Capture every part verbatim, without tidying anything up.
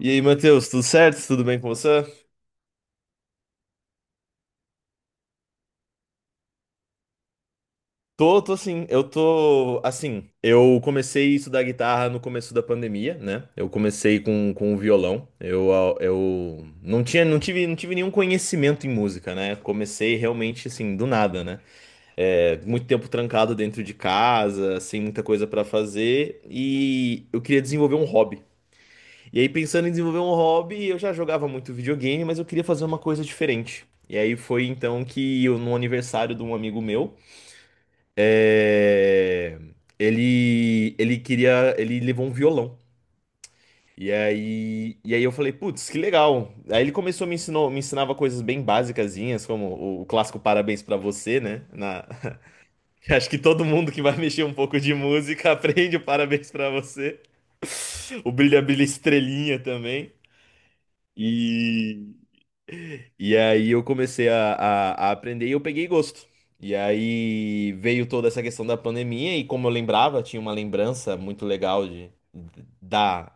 E aí, Matheus, tudo certo? Tudo bem com você? Tô, tô sim. Eu tô, assim, eu comecei a estudar guitarra no começo da pandemia, né? Eu comecei com, com o violão. Eu, ah, eu não tinha, não tive, não tive nenhum conhecimento em música, né? Comecei realmente, assim, do nada, né? É, muito tempo trancado dentro de casa, sem muita coisa pra fazer. E eu queria desenvolver um hobby. E aí, pensando em desenvolver um hobby, eu já jogava muito videogame, mas eu queria fazer uma coisa diferente. E aí foi então que eu, no aniversário de um amigo meu, é, ele ele queria, ele levou um violão. E aí, e aí eu falei, putz, que legal. Aí ele começou a me ensinou, me ensinava coisas bem basicazinhas, como o, o clássico parabéns pra você, né? Na- Acho que todo mundo que vai mexer um pouco de música aprende o parabéns pra você. O brilha brilha estrelinha também. E E aí eu comecei a, a, a aprender e eu peguei gosto. E aí veio toda essa questão da pandemia, e como eu lembrava, tinha uma lembrança muito legal de, da,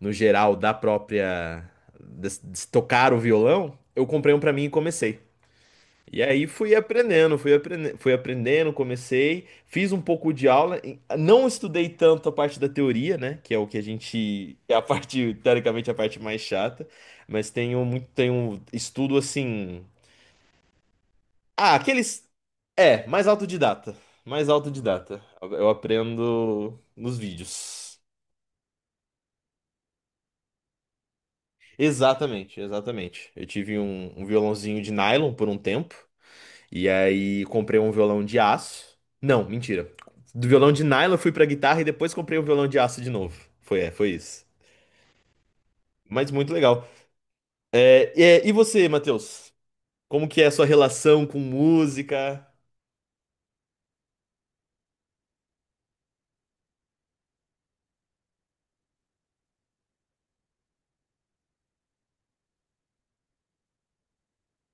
no geral, da própria, de, de tocar o violão, eu comprei um pra mim e comecei. E aí fui aprendendo, fui aprendendo, fui aprendendo, comecei, fiz um pouco de aula, e não estudei tanto a parte da teoria, né, que é o que a gente, é a parte, teoricamente, a parte mais chata, mas tenho muito, tenho estudo assim ah, aqueles. É, mais autodidata. Mais autodidata. Eu aprendo nos vídeos. Exatamente, exatamente. Eu tive um, um violãozinho de nylon por um tempo. E aí comprei um violão de aço. Não, mentira. Do violão de nylon eu fui pra guitarra e depois comprei um violão de aço de novo. Foi, é, foi isso. Mas muito legal. É, é, e você, Matheus? Como que é a sua relação com música?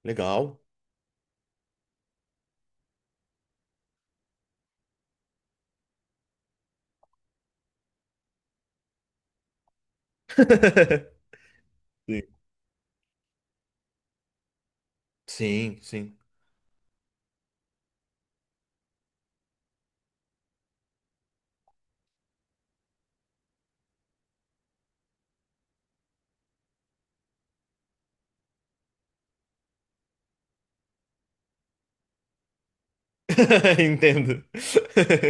Legal. Sim, sim. Sim. Entendo.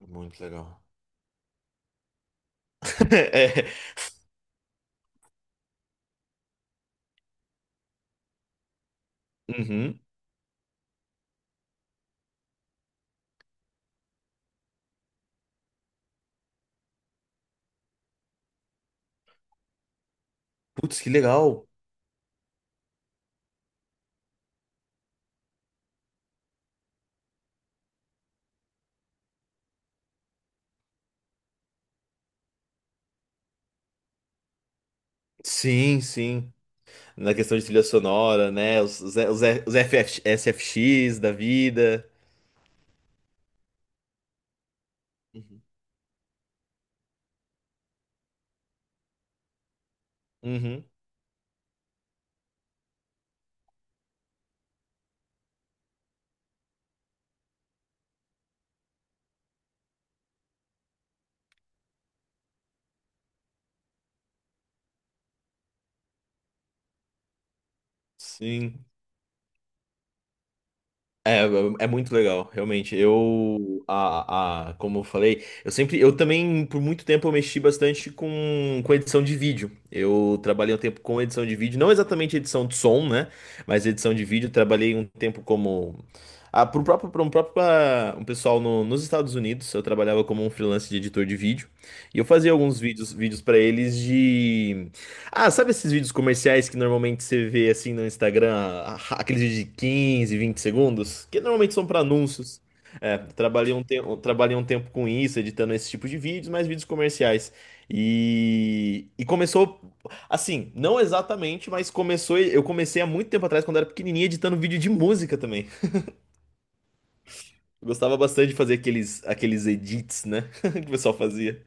Muito legal. É. Uhum. Putz, que legal. Sim, sim. Na questão de trilha sonora, né? Os, os, os, os FF S F X da vida. Uhum. Uhum. Sim. É, é muito legal, realmente. Eu, a, a, como eu falei, eu sempre, eu também, por muito tempo, eu mexi bastante com, com edição de vídeo. Eu trabalhei um tempo com edição de vídeo, não exatamente edição de som, né? Mas edição de vídeo. Trabalhei um tempo como, ah, para um próprio, para um próprio, ah, um pessoal no, nos Estados Unidos. Eu trabalhava como um freelance de editor de vídeo e eu fazia alguns vídeos, vídeos para eles ah, sabe esses vídeos comerciais que normalmente você vê assim no Instagram, a- a- aqueles vídeos de quinze, vinte segundos, que normalmente são para anúncios. É, trabalhei um tempo, trabalhei um tempo com isso, editando esse tipo de vídeos, mas vídeos comerciais. E, e começou assim, não exatamente, mas começou, eu comecei há muito tempo atrás quando era pequenininho editando vídeo de música também. Eu gostava bastante de fazer aqueles aqueles edits, né, que o pessoal fazia.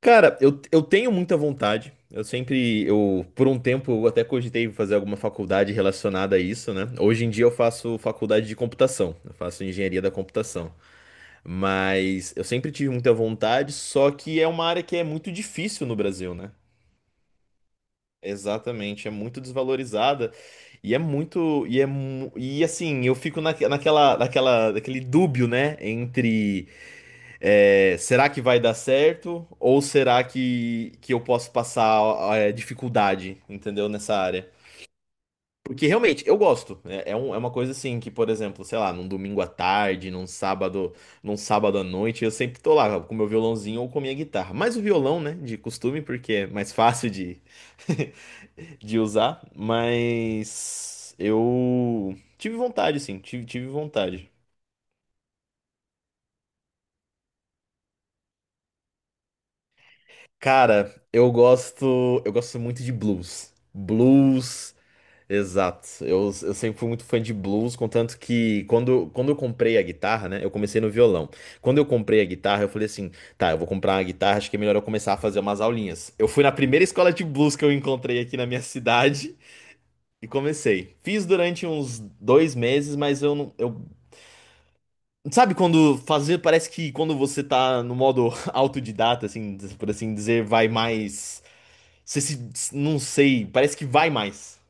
Cara, eu, eu tenho muita vontade. Eu sempre, eu, por um tempo, eu até cogitei fazer alguma faculdade relacionada a isso, né? Hoje em dia eu faço faculdade de computação, eu faço engenharia da computação. Mas eu sempre tive muita vontade, só que é uma área que é muito difícil no Brasil, né? Exatamente, é muito desvalorizada e é muito, e é, mu- e assim, eu fico na naquela, naquela, naquele dúbio, né? Entre é, será que vai dar certo? Ou será que, que eu posso passar é, dificuldade, entendeu? Nessa área. Porque realmente, eu gosto. É, é um- é uma coisa assim que, por exemplo, sei lá, num domingo à tarde, num sábado, num sábado à noite, eu sempre tô lá com meu violãozinho ou com minha guitarra. Mais o violão, né? De costume, porque é mais fácil de, de usar. Mas eu tive vontade, sim, tive, tive vontade. Cara, eu gosto, eu gosto muito de blues. Blues, exato. Eu, eu sempre fui muito fã de blues, contanto que quando, quando eu comprei a guitarra, né? Eu comecei no violão. Quando eu comprei a guitarra, eu falei assim, tá, eu vou comprar uma guitarra, acho que é melhor eu começar a fazer umas aulinhas. Eu fui na primeira escola de blues que eu encontrei aqui na minha cidade e comecei. Fiz durante uns dois meses, mas eu não, eu... Sabe quando fazer, parece que quando você tá no modo autodidata, assim, por assim dizer, vai mais você se. Não sei, parece que vai mais.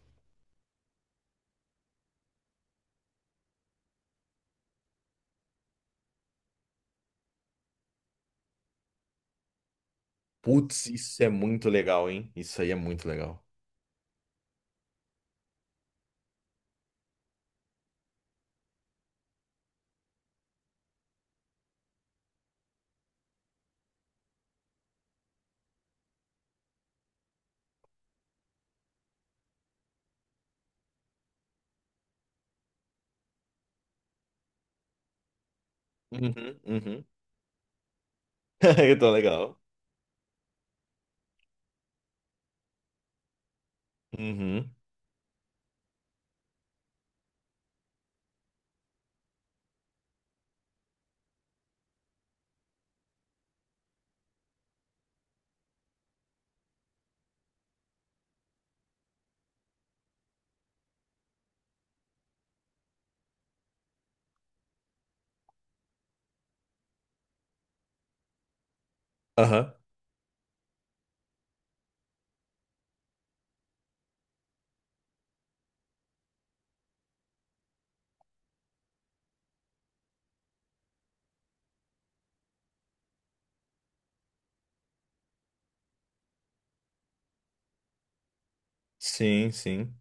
Putz, isso é muito legal, hein? Isso aí é muito legal. Uhum, uhum. Então, legal. Uhum. Aham. Sim, sim.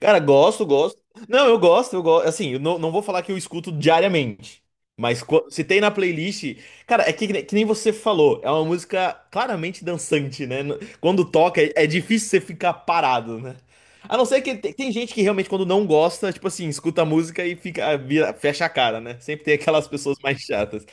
Cara, gosto, gosto. Não, eu gosto, eu gosto. Assim, eu não, não vou falar que eu escuto diariamente. Mas qu- se tem na playlist. Cara, é que, ne- que nem você falou. É uma música claramente dançante, né? N- Quando toca, é, é difícil você ficar parado, né? A não ser que tem, tem gente que realmente, quando não gosta, tipo assim, escuta a música e fica, vira- fecha a cara, né? Sempre tem aquelas pessoas mais chatas.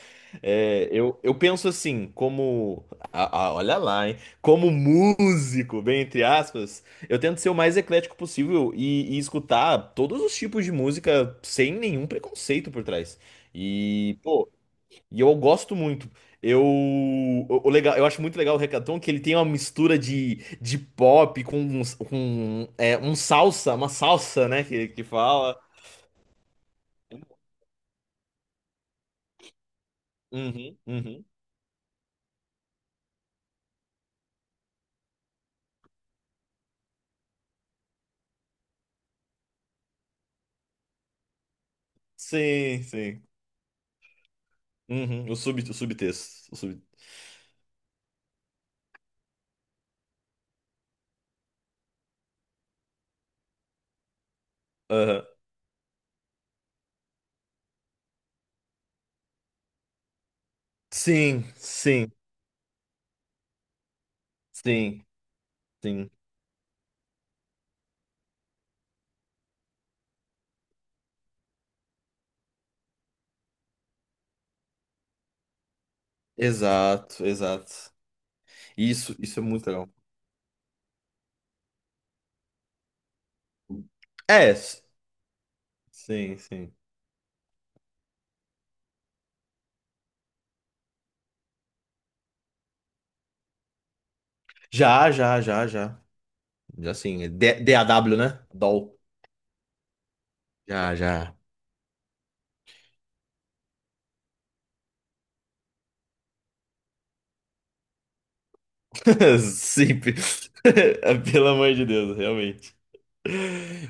É, eu, eu penso assim, como. ah, ah, olha lá, hein? Como músico, bem entre aspas. Eu tento ser o mais eclético possível e, e escutar todos os tipos de música sem nenhum preconceito por trás. E, pô, e eu gosto muito. Eu, o, o legal, eu acho muito legal o reggaeton que ele tem uma mistura de, de pop com, um- com um, é, um salsa, uma salsa, né, que, que fala. Uhum, uhum. Sim, sim. Uhum. O sub, o subtexto. O sub, aham. Sim, sim, sim, sim. Exato, exato. Isso, isso é muito legal. É, s- sim, sim. Já, já, já, já. Já sim. D- DAW, né? D A W. Já, já. Simples. Pelo amor de Deus, realmente.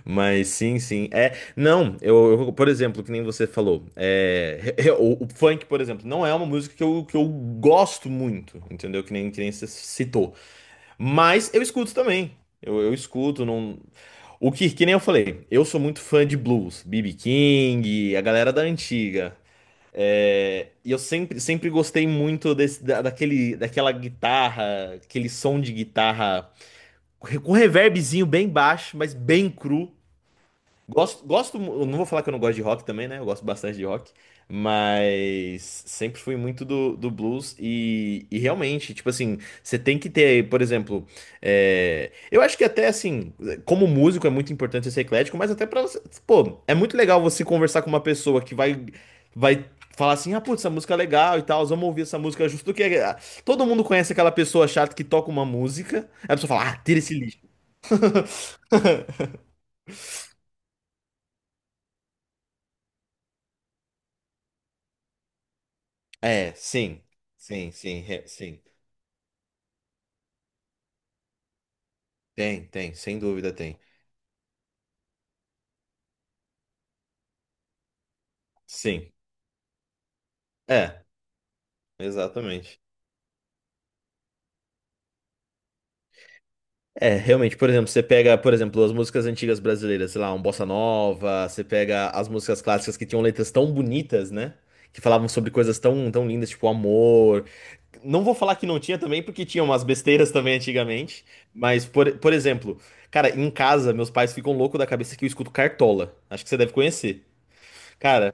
Mas sim, sim. É, não, eu, eu, por exemplo, que nem você falou, é, re- re- o, o funk, por exemplo, não é uma música que eu, que eu gosto muito, entendeu? Que nem, que nem você citou. Mas eu escuto também. Eu, eu escuto, não. O que, que nem eu falei, eu sou muito fã de blues, B B. King, a galera da antiga. É, e eu sempre, sempre gostei muito desse, da- daquele, daquela guitarra, aquele som de guitarra com reverbzinho bem baixo, mas bem cru. Gosto, gosto, eu não vou falar que eu não gosto de rock também, né? Eu gosto bastante de rock, mas sempre fui muito do, do blues e, e realmente, tipo assim, você tem que ter, por exemplo, é, eu acho que até assim, como músico é muito importante você ser eclético, mas até pra você, pô, é muito legal você conversar com uma pessoa que vai, vai falar assim, ah, putz, essa música é legal e tal, vamos ouvir essa música, justo que ah, todo mundo conhece aquela pessoa chata que toca uma música, aí a pessoa fala, ah, tira esse lixo. É, sim, sim, sim, re- sim. Tem, tem, sem dúvida tem. Sim, é, exatamente. É, realmente, por exemplo, você pega, por exemplo, as músicas antigas brasileiras, sei lá, um bossa nova, você pega as músicas clássicas que tinham letras tão bonitas, né? Que falavam sobre coisas tão, tão lindas, tipo amor. Não vou falar que não tinha também, porque tinha umas besteiras também antigamente. Mas, por, por exemplo, cara, em casa, meus pais ficam loucos da cabeça que eu escuto Cartola. Acho que você deve conhecer. Cara,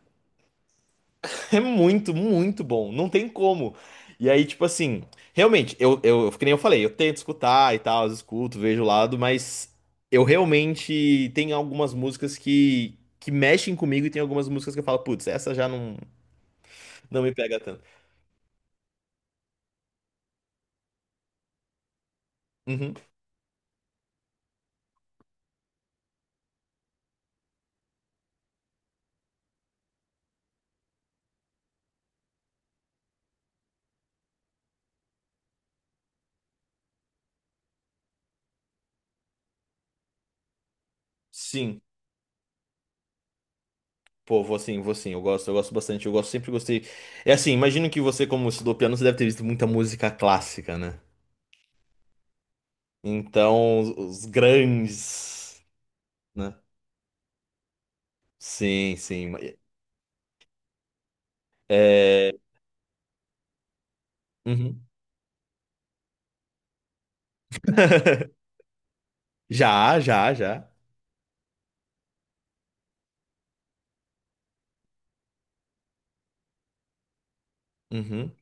é muito, muito bom. Não tem como. E aí, tipo assim, realmente, eu, eu, que nem eu falei, eu tento escutar e tal, eu escuto, vejo o lado, mas eu realmente tem algumas músicas que, que mexem comigo e tem algumas músicas que eu falo, putz, essa já não, não me pega tanto. Uhum. Sim. Pô, vou sim, vou sim. Eu gosto, eu gosto bastante. Eu gosto, sempre gostei. É assim, imagino que você, como estudou piano, você deve ter visto muita música clássica, né? Então, os, os grandes, né? Sim, sim. É, uhum. Já, já, já. Uhum.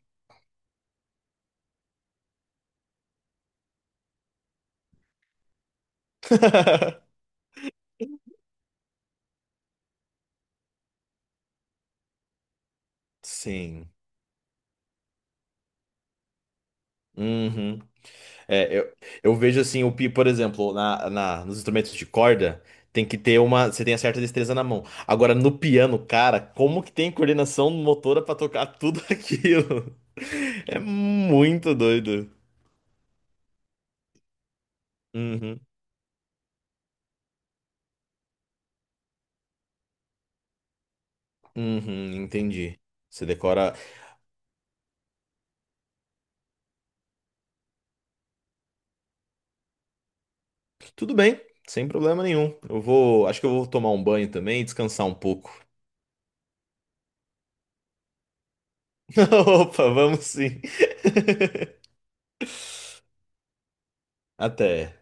Sim. Uhum. É, eu, eu vejo assim, o pi, por exemplo, na, na, nos instrumentos de corda, tem que ter uma. Você tem a certa destreza na mão. Agora, no piano, cara, como que tem coordenação motora pra tocar tudo aquilo? É muito doido. Uhum. Uhum, entendi. Você decora. Tudo bem, sem problema nenhum. Eu vou. Acho que eu vou tomar um banho também e descansar um pouco. Opa, vamos sim. Até.